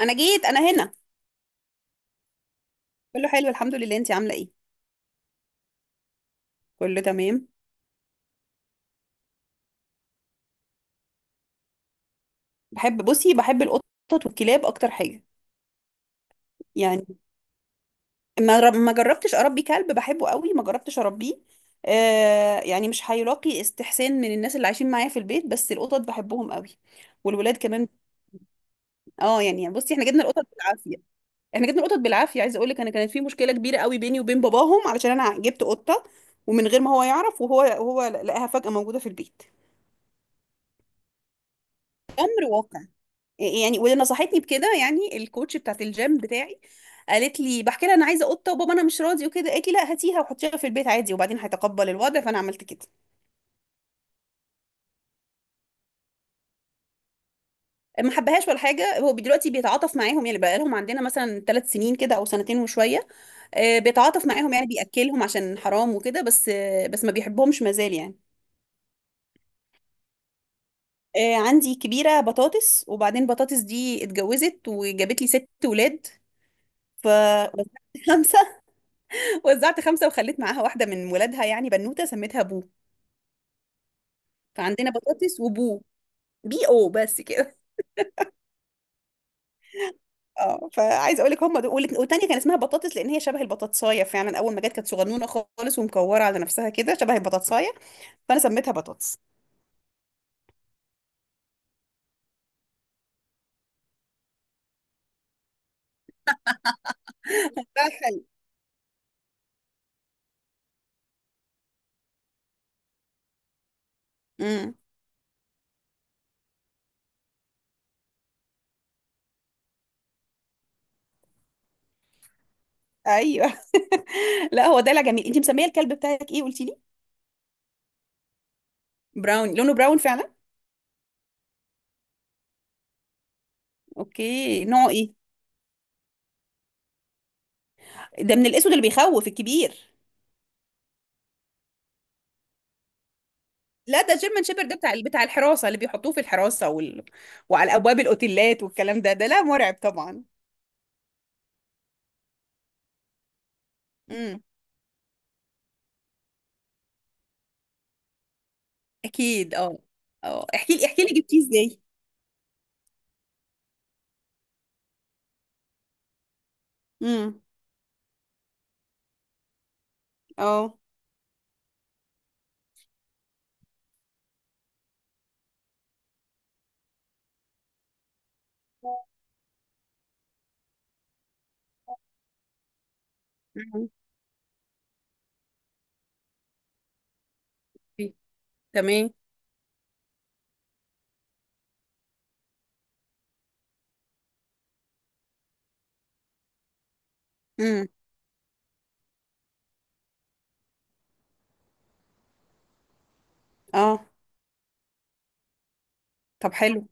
انا جيت. انا هنا. كله حلو الحمد لله. انتي عامله ايه؟ كله تمام. بصي، بحب القطط والكلاب اكتر حاجه. يعني ما جربتش اربي كلب. بحبه قوي، ما جربتش اربيه. يعني مش هيلاقي استحسان من الناس اللي عايشين معايا في البيت، بس القطط بحبهم قوي والولاد كمان. اه يعني بصي، احنا جبنا القطط بالعافيه. عايزه اقول لك انا، كانت في مشكله كبيره قوي بيني وبين باباهم علشان انا جبت قطه، ومن غير ما هو يعرف، وهو لقاها فجاه موجوده في البيت. امر واقع. يعني واللي نصحتني بكده يعني الكوتش بتاعت الجيم بتاعي، قالت لي، بحكي لها انا عايزه قطه وبابا انا مش راضي وكده، قالت لي لا هاتيها وحطيها في البيت عادي وبعدين هيتقبل الوضع، فانا عملت كده. ما حبهاش ولا حاجه. هو دلوقتي بيتعاطف معاهم يعني، بقى لهم عندنا مثلا 3 سنين كده او سنتين وشويه. بيتعاطف معاهم يعني، بياكلهم عشان حرام وكده، بس ما بيحبهمش مازال يعني. عندي كبيره، بطاطس، وبعدين بطاطس دي اتجوزت وجابت لي ست ولاد. ف خمسه. وزعت خمسة وخليت معاها واحدة من ولادها، يعني بنوتة سميتها بو. فعندنا بطاطس وبو. بي او بس كده. اه فعايزه اقول لك، هم دول. والتانيه كان اسمها بطاطس لان هي شبه البطاطسايه، فعلا اول ما جت كانت صغنونه خالص ومكوره على نفسها كده شبه البطاطسايه، فانا سميتها بطاطس. بقى حلو. امم. ايوه لا هو دلع جميل. انت مسميه الكلب بتاعك ايه قلتي لي؟ براون. لونه براون فعلا. اوكي، نوعه ايه؟ ده من الاسود اللي بيخوف الكبير. لا ده جيرمان شيبرد، ده بتاع الحراسة اللي بيحطوه في الحراسة وعلى أبواب الأوتيلات والكلام ده، ده لا مرعب طبعا. امم. أكيد اه. اه احكي لي، احكي لي جبتيه ازاي. امم. اه. مم. تمام. امم. اه. طب حلو.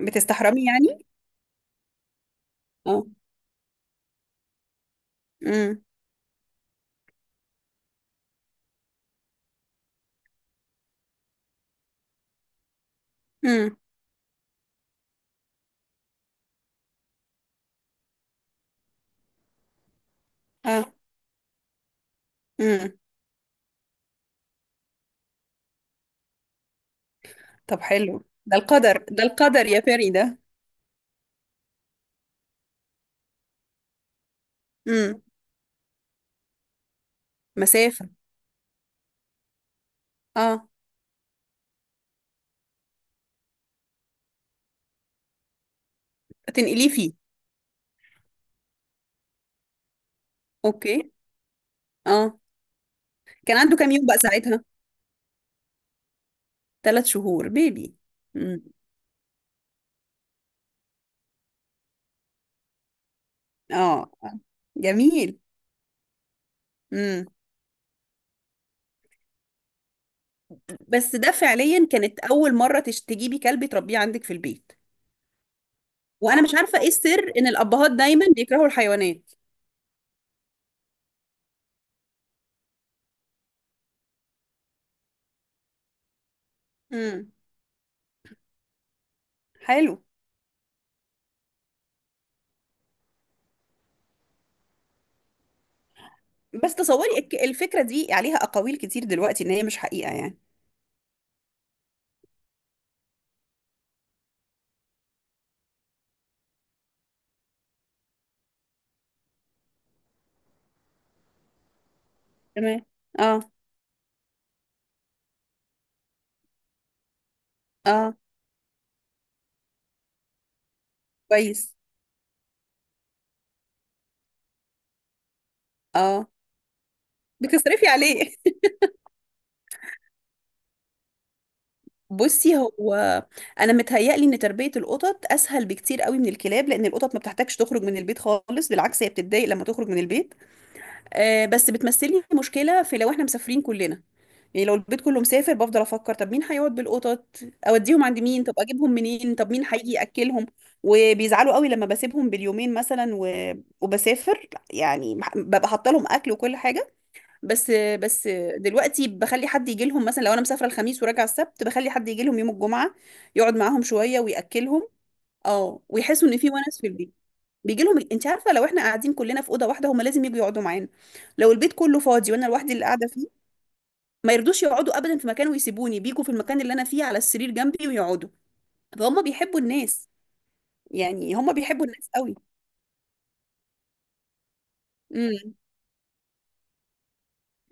بتستحرمي يعني. اه. امم. امم. اه. امم. طب حلو، ده القدر، ده القدر يا فري ده. امم. مسافة. اه. تنقليه فيه. اوكي. اه. كان عنده كام يوم بقى ساعتها؟ 3 شهور. بيبي. امم. اه. جميل. امم. بس ده فعليا كانت اول مره تجيبي كلب تربيه عندك في البيت. وانا مش عارفه ايه السر ان الابهات دايما بيكرهوا الحيوانات. امم. حلو. بس تصوري الفكره دي عليها اقاويل كتير دلوقتي، ان هي مش حقيقه يعني. تمام. اه. اه. كويس. اه. بتصرفي عليه بصي هو، انا متهيألي ان تربيه القطط اسهل بكتير قوي من الكلاب، لان القطط ما بتحتاجش تخرج من البيت خالص، بالعكس هي بتتضايق لما تخرج من البيت. بس بتمثلي مشكلة في لو احنا مسافرين كلنا، يعني لو البيت كله مسافر بفضل افكر، طب مين هيقعد بالقطط، اوديهم عند مين، طب اجيبهم منين، طب مين هيجي ياكلهم. وبيزعلوا قوي لما بسيبهم باليومين مثلا، وبسافر. يعني ببقى حاطه لهم اكل وكل حاجه. بس دلوقتي بخلي حد يجي لهم، مثلا لو انا مسافره الخميس وراجعه السبت، بخلي حد يجي لهم يوم الجمعه، يقعد معاهم شويه وياكلهم. اه ويحسوا ان في ونس في البيت. بيجي لهم انت عارفه، لو احنا قاعدين كلنا في اوضه واحده هما لازم يجوا يقعدوا معانا، لو البيت كله فاضي وانا لوحدي اللي قاعده فيه، ما يرضوش يقعدوا ابدا في مكان ويسيبوني، بيجوا في المكان اللي انا فيه على السرير جنبي ويقعدوا، فهم بيحبوا الناس. يعني هم بيحبوا الناس قوي. امم.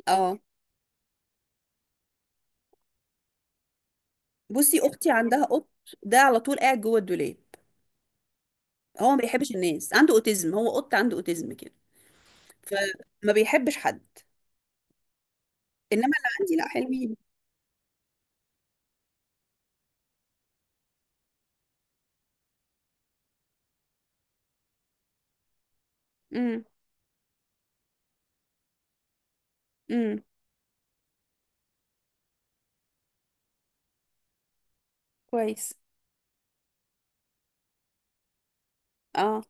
اه بصي اختي عندها قط، ده على طول قاعد جوه الدولاب، هو ما بيحبش الناس، عنده اوتيزم، هو قط عنده اوتيزم كده، فما بيحبش حد. انما اللي عندي لا حلوين. امم. امم. كويس. اه.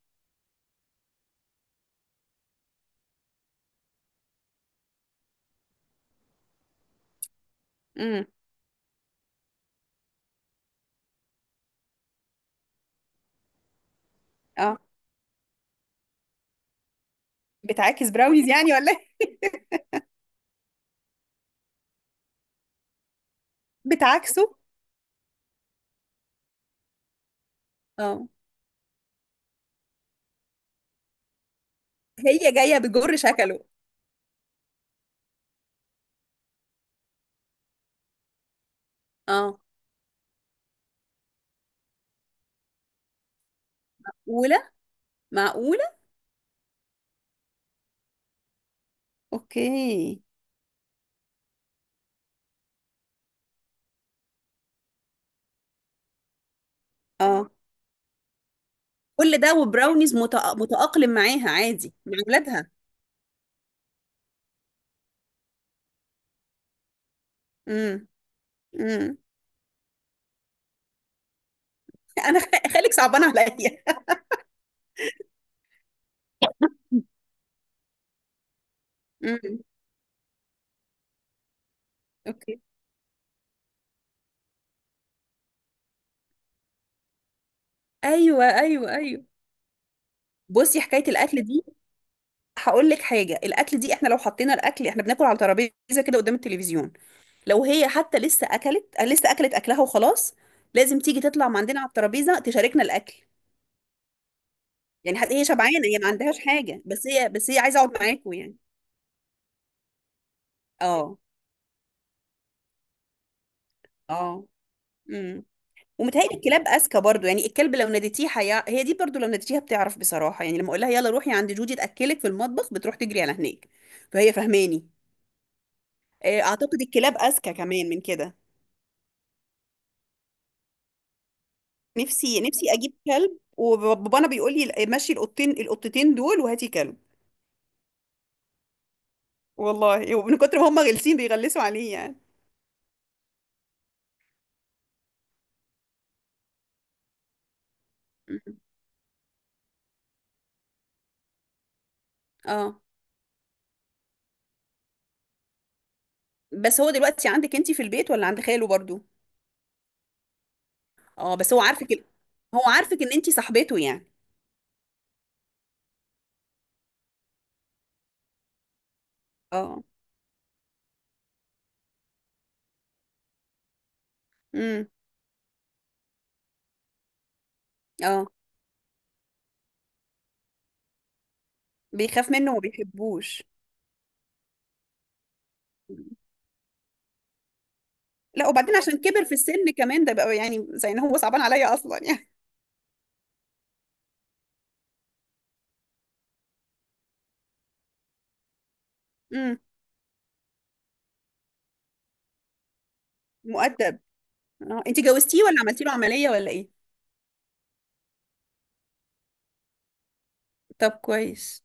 امم. اه بتعاكس براونيز يعني ولا إيه؟ بتعاكسه. اه هي جايه بجر شكله. اه. اولى. معقوله. اوكي. اه كل ده وبراونيز متأقلم معاها عادي مع اولادها. امم. امم. انا خالك صعبان عليا. امم. اوكي. ايوه ايوه ايوه. بصي حكايه الاكل دي، هقول لك حاجه، الاكل دي احنا لو حطينا الاكل، احنا بناكل على ترابيزه كده قدام التلفزيون، لو هي حتى لسه اكلت، لسه اكلت اكلها وخلاص، لازم تيجي تطلع من عندنا على الترابيزه تشاركنا الاكل، يعني حتى هي شبعانه، هي ما عندهاش حاجه، بس هي، بس هي عايزه اقعد معاكم يعني. اه. اه. امم. ومتهيألي الكلاب اذكى برضو، يعني الكلب لو ناديتيه هي دي برضو لو ناديتيها بتعرف بصراحه، يعني لما اقول لها يلا روحي عند جودي تاكلك في المطبخ بتروح تجري على هناك، فهي فهماني. اعتقد الكلاب اذكى كمان من كده. نفسي نفسي اجيب كلب، وبابانا بيقول لي مشي القطتين دول وهاتي كلب، والله ومن كتر ما هم غلسين بيغلسوا عليه يعني. مم. اه بس هو دلوقتي عندك انتي في البيت ولا عند خاله برضو؟ اه بس هو عارفك هو عارفك ان انتي صاحبته يعني. اه. امم. اه بيخاف منه وما بيحبوش. لا وبعدين عشان كبر في السن كمان ده، بقى يعني زي ان هو صعبان عليا اصلا يعني. امم. مؤدب. اه انتي جوزتيه ولا عملتي له عملية ولا ايه؟ طب كويس.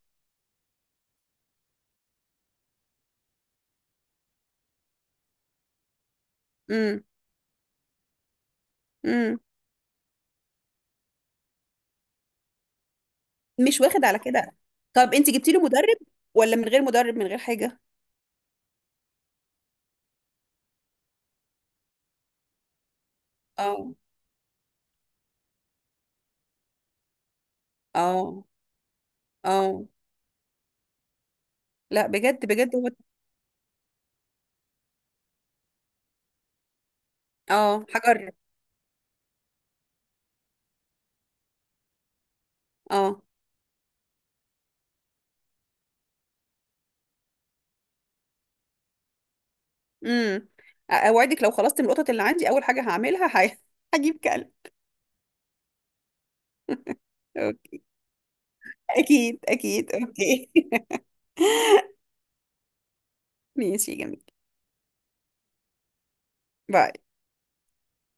امم. امم. مش واخد على كده. طب انتي جبتي له مدرب ولا من غير مدرب، من غير حاجة. اه. اه. اه لا بجد بجد هو. اه هجرب. اه. امم. اوعدك لو خلصت من القطط اللي عندي، اول حاجه هعملها هجيب كلب. أوكي. اكيد اكيد اوكي. ماشي يا جميل. باي